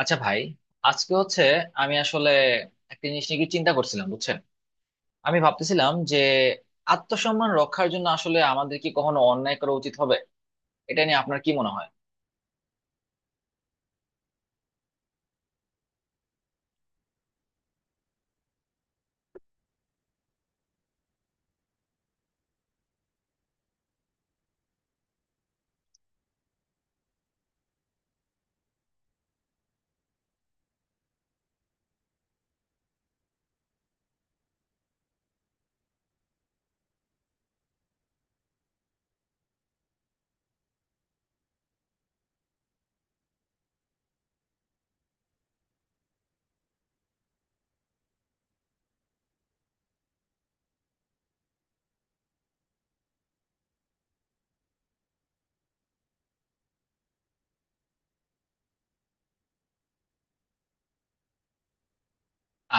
আচ্ছা ভাই, আজকে হচ্ছে আমি আসলে একটা জিনিস নিয়ে কি চিন্তা করছিলাম বুঝছেন। আমি ভাবতেছিলাম যে আত্মসম্মান রক্ষার জন্য আসলে আমাদের কি কখনো অন্যায় করা উচিত হবে? এটা নিয়ে আপনার কি মনে হয়?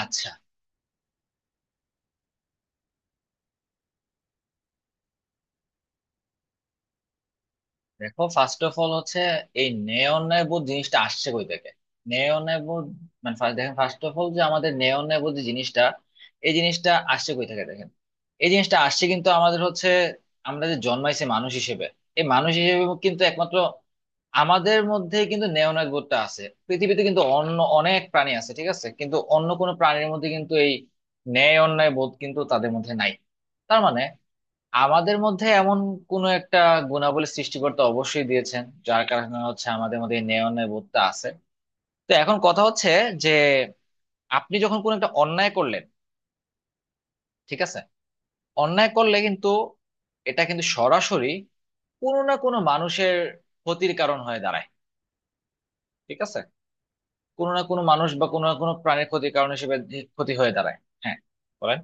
আচ্ছা, দেখো ফার্স্ট অফ অল হচ্ছে এই নেয়ন বুথ জিনিসটা আসছে কই থেকে? নেয়ন বুথ মানে দেখেন ফার্স্ট অফ অল যে আমাদের নেয়ন বুথ যে জিনিসটা, এই জিনিসটা আসছে কই থেকে দেখেন। এই জিনিসটা আসছে কিন্তু আমাদের হচ্ছে, আমরা যে জন্মাইছে মানুষ হিসেবে, এই মানুষ হিসেবে কিন্তু একমাত্র আমাদের মধ্যে কিন্তু নেওনাদ বোধটা আছে। পৃথিবীতে কিন্তু অন্য অনেক প্রাণী আছে, ঠিক আছে, কিন্তু অন্য কোনো প্রাণীর মধ্যে কিন্তু এই ন্যায় অন্যায় বোধ কিন্তু তাদের মধ্যে নাই। তার মানে আমাদের মধ্যে এমন কোন একটা গুণাবলী সৃষ্টিকর্তা অবশ্যই দিয়েছেন, যার কারণে হচ্ছে আমাদের মধ্যে এই ন্যায় বোধটা আছে। তো এখন কথা হচ্ছে যে আপনি যখন কোন একটা অন্যায় করলেন, ঠিক আছে, অন্যায় করলে কিন্তু এটা কিন্তু সরাসরি কোনো না কোনো মানুষের ক্ষতির কারণ হয়ে দাঁড়ায়। ঠিক আছে, কোনো না কোনো মানুষ বা কোনো না কোনো প্রাণীর ক্ষতির কারণ হিসেবে ক্ষতি হয়ে দাঁড়ায়। হ্যাঁ, বলেন।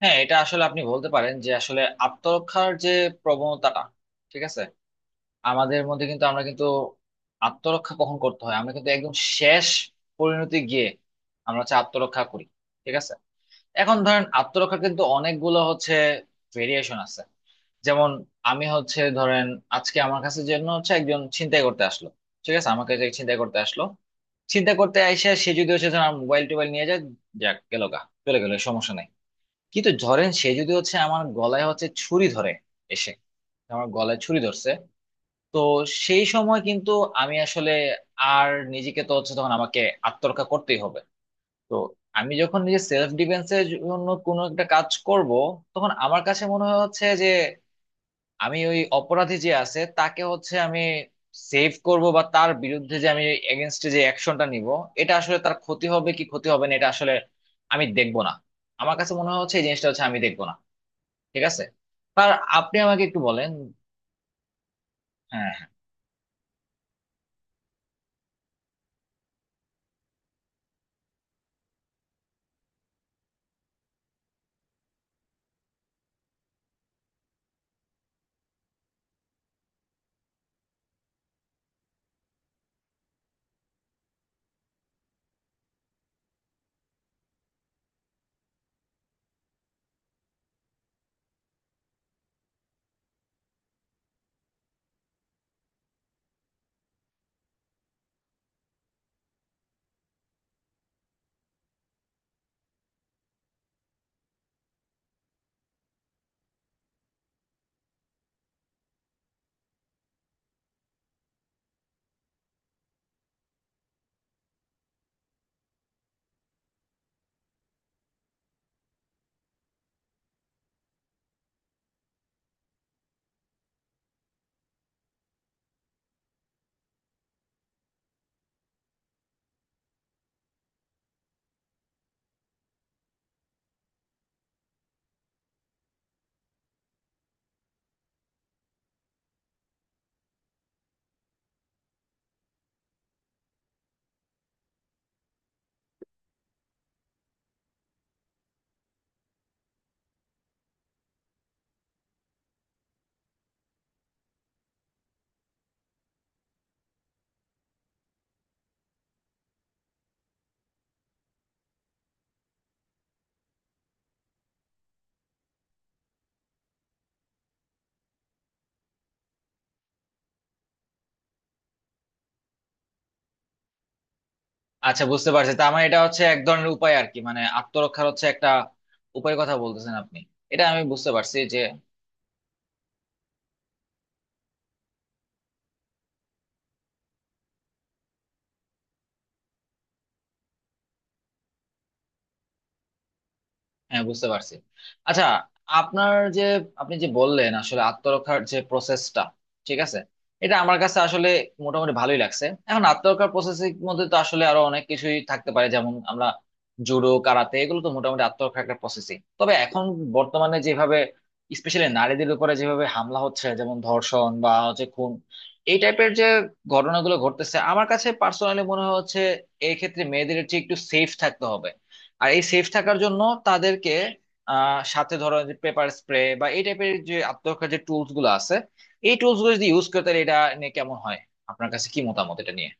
হ্যাঁ, এটা আসলে আপনি বলতে পারেন যে আসলে আত্মরক্ষার যে প্রবণতাটা, ঠিক আছে, আমাদের মধ্যে কিন্তু আমরা কিন্তু আত্মরক্ষা কখন করতে হয়, আমরা কিন্তু একদম শেষ পরিণতি গিয়ে আমরা হচ্ছে আত্মরক্ষা করি। ঠিক আছে, এখন ধরেন আত্মরক্ষা কিন্তু অনেকগুলো হচ্ছে ভেরিয়েশন আছে। যেমন আমি হচ্ছে ধরেন, আজকে আমার কাছে জন্য হচ্ছে একজন ছিনতাই করতে আসলো, ঠিক আছে, আমাকে যে ছিনতাই করতে আসলো, চিন্তা করতে আইসা সে যদি হচ্ছে ধরেন মোবাইল টোবাইল নিয়ে যায়, যাক গেল গা, চলে গেলো, সমস্যা নাই। কিন্তু ধরেন সে যদি হচ্ছে আমার গলায় হচ্ছে ছুরি ধরে এসে আমার গলায় ছুরি ধরছে, তো সেই সময় কিন্তু আমি আসলে আর নিজেকে, তো হচ্ছে তখন আমাকে আত্মরক্ষা করতেই হবে। তো আমি যখন নিজে সেলফ ডিফেন্সের জন্য কোনো একটা কাজ করব, তখন আমার কাছে মনে হয় হচ্ছে যে আমি ওই অপরাধী যে আছে তাকে হচ্ছে আমি সেভ করব বা তার বিরুদ্ধে যে আমি এগেনস্টে যে অ্যাকশনটা নিব, এটা আসলে তার ক্ষতি হবে কি ক্ষতি হবে না এটা আসলে আমি দেখবো না। আমার কাছে মনে হচ্ছে এই জিনিসটা হচ্ছে আমি দেখবো না। ঠিক আছে, আর আপনি আমাকে একটু বলেন। হ্যাঁ, আচ্ছা বুঝতে পারছি, তার মানে এটা হচ্ছে এক ধরনের উপায় আর কি, মানে আত্মরক্ষার হচ্ছে একটা উপায় কথা বলতেছেন আপনি, এটা আমি বুঝতে পারছি যে। হ্যাঁ, বুঝতে পারছি। আচ্ছা, আপনার যে, আপনি যে বললেন আসলে আত্মরক্ষার যে প্রসেসটা, ঠিক আছে, এটা আমার কাছে আসলে মোটামুটি ভালোই লাগছে। এখন আত্মরক্ষার প্রসেসের মধ্যে তো আসলে আরো অনেক কিছুই থাকতে পারে, যেমন আমরা জুডো কারাতে এগুলো তো মোটামুটি আত্মরক্ষার একটা প্রসেসিং, তবে এখন বর্তমানে যেভাবে স্পেশালি নারীদের উপরে যেভাবে হামলা হচ্ছে, যেমন ধর্ষণ বা হচ্ছে খুন, এই টাইপের যে ঘটনাগুলো ঘটতেছে, আমার কাছে পার্সোনালি মনে হচ্ছে এই ক্ষেত্রে মেয়েদের ঠিক একটু সেফ থাকতে হবে। আর এই সেফ থাকার জন্য তাদেরকে সাথে ধরো যে পেপার স্প্রে বা এই টাইপের যে আত্মরক্ষার যে টুলস গুলো আছে, এই টুলস গুলো যদি ইউজ করে, তাহলে এটা নিয়ে কেমন হয়? আপনার কাছে কি মতামত এটা নিয়ে?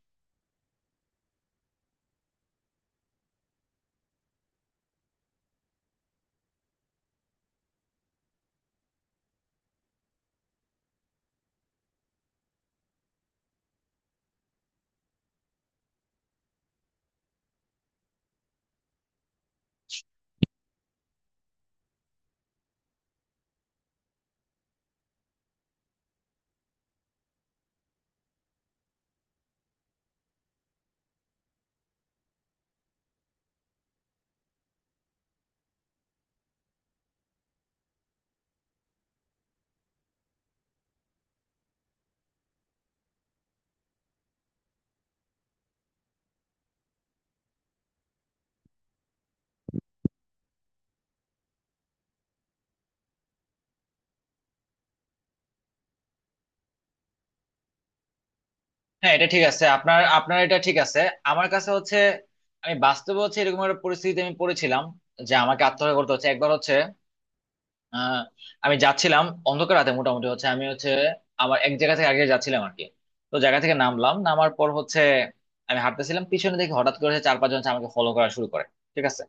হ্যাঁ, এটা ঠিক আছে, আপনার আপনার এটা ঠিক আছে। আমার কাছে হচ্ছে, আমি বাস্তবে হচ্ছে এরকম একটা পরিস্থিতিতে আমি পড়েছিলাম যে আমাকে আত্মহত্যা করতে হচ্ছে একবার হচ্ছে। আহ, আমি যাচ্ছিলাম অন্ধকার রাতে মোটামুটি হচ্ছে, আমি হচ্ছে আমার এক জায়গা থেকে আগে যাচ্ছিলাম আর কি। তো জায়গা থেকে নামলাম, নামার পর হচ্ছে আমি হাঁটতেছিলাম, পিছনে দেখি হঠাৎ করে হচ্ছে চার পাঁচজন হচ্ছে আমাকে ফলো করা শুরু করে। ঠিক আছে,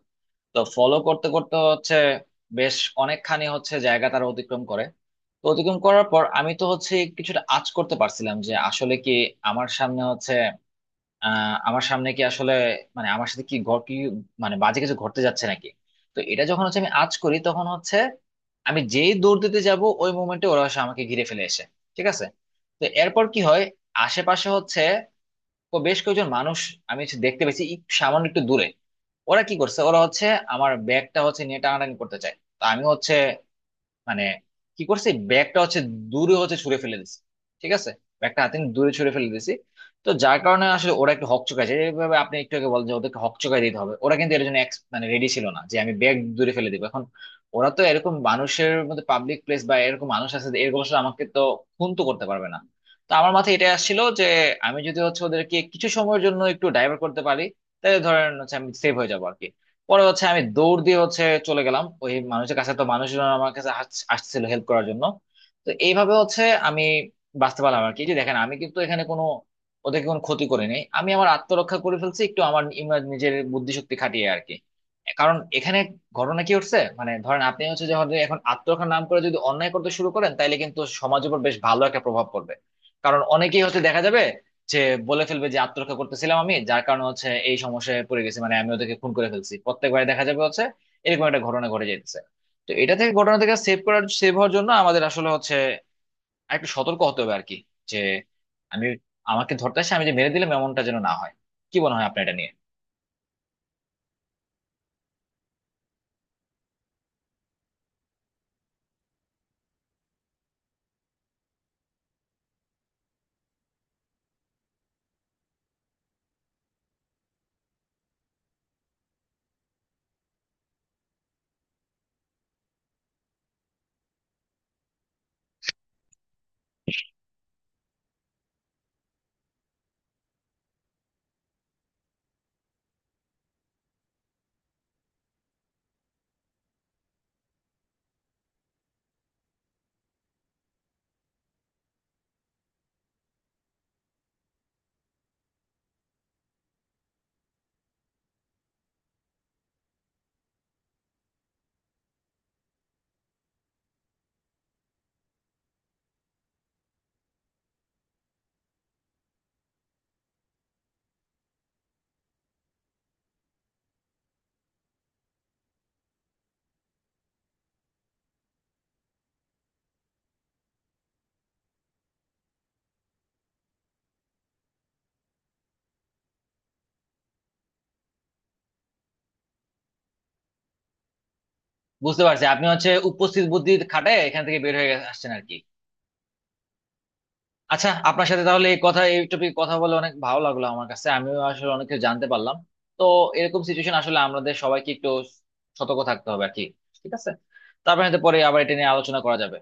তো ফলো করতে করতে হচ্ছে বেশ অনেকখানি হচ্ছে জায়গা তারা অতিক্রম করে। তো অতিক্রম করার পর আমি তো হচ্ছে কিছুটা আঁচ করতে পারছিলাম যে আসলে কি আমার সামনে হচ্ছে, আমার সামনে কি আসলে, মানে আমার সাথে কি ঘট কি মানে বাজে কিছু ঘটতে যাচ্ছে নাকি। তো এটা যখন হচ্ছে আমি আজ করি তখন হচ্ছে আমি যেই দৌড় দিতে যাব ওই মোমেন্টে ওরা হচ্ছে আমাকে ঘিরে ফেলে এসে। ঠিক আছে, তো এরপর কি হয়, আশেপাশে হচ্ছে বেশ কয়েকজন মানুষ আমি হচ্ছে দেখতে পেয়েছি একটু সামান্য একটু দূরে। ওরা কি করছে, ওরা হচ্ছে আমার ব্যাগটা হচ্ছে নিয়ে টানাটানি করতে চায়, তো আমি হচ্ছে, মানে কি করছি, ব্যাগটা হচ্ছে দূরে হচ্ছে ছুঁড়ে ফেলে দিছি। ঠিক আছে, ব্যাগটা হাতে নিয়ে দূরে ছুঁড়ে ফেলে দিছি। তো যার কারণে আসলে ওরা একটু হকচকায় যায়, এইভাবে আপনি একটু আগে বলেন যে ওদেরকে হকচকায় দিতে হবে, ওরা কিন্তু এর জন্য মানে রেডি ছিল না যে আমি ব্যাগ দূরে ফেলে দিব এখন। ওরা তো এরকম মানুষের মধ্যে পাবলিক প্লেস বা এরকম মানুষ আছে যে এরকম আসলে আমাকে তো খুন তো করতে পারবে না। তো আমার মাথায় এটা আসছিল যে আমি যদি হচ্ছে ওদেরকে কিছু সময়ের জন্য একটু ডাইভার্ট করতে পারি তাহলে ধরেন হচ্ছে আমি সেভ হয়ে যাবো আর কি। পরে হচ্ছে আমি দৌড় দিয়ে হচ্ছে চলে গেলাম ওই মানুষের কাছে, তো মানুষজন আমার কাছে আসছিল হেল্প করার জন্য। তো এইভাবে হচ্ছে আমি বাঁচতে পারলাম আর কি। এই যে দেখেন, আমি কিন্তু এখানে কোনো ওদেরকে কোনো ক্ষতি করিনি, আমি আমার আত্মরক্ষা করে ফেলছি একটু আমার নিজের বুদ্ধিশক্তি খাটিয়ে আর কি। কারণ এখানে ঘটনা কি হচ্ছে, মানে ধরেন আপনি হচ্ছে যখন এখন আত্মরক্ষার নাম করে যদি অন্যায় করতে শুরু করেন, তাইলে কিন্তু সমাজের উপর বেশ ভালো একটা প্রভাব পড়বে। কারণ অনেকেই হচ্ছে দেখা যাবে যে বলে ফেলবে যে আত্মরক্ষা করতেছিলাম আমি, যার কারণে হচ্ছে এই সমস্যায় পড়ে গেছি, মানে আমি ওদেরকে খুন করে ফেলছি, প্রত্যেকবারে দেখা যাবে হচ্ছে এরকম একটা ঘটনা ঘটে যেতেছে। তো এটা থেকে, ঘটনা থেকে সেভ করার, সেভ হওয়ার জন্য আমাদের আসলে হচ্ছে একটু সতর্ক হতে হবে আর কি, যে আমি, আমাকে ধরতে আসে আমি যে মেরে দিলাম, এমনটা যেন না হয়। কি মনে হয় আপনার এটা নিয়ে? বুঝতে পারছি, আপনি হচ্ছে উপস্থিত বুদ্ধি খাটায় এখান থেকে বের হয়ে আসছেন আর কি। আচ্ছা, আপনার সাথে তাহলে এই কথা, এই টপিকে কথা বলে অনেক ভালো লাগলো আমার কাছে, আমিও আসলে অনেক কিছু জানতে পারলাম। তো এরকম সিচুয়েশন আসলে আমাদের সবাইকে একটু সতর্ক থাকতে হবে আর কি। ঠিক আছে, তারপরে পরে আবার এটা নিয়ে আলোচনা করা যাবে।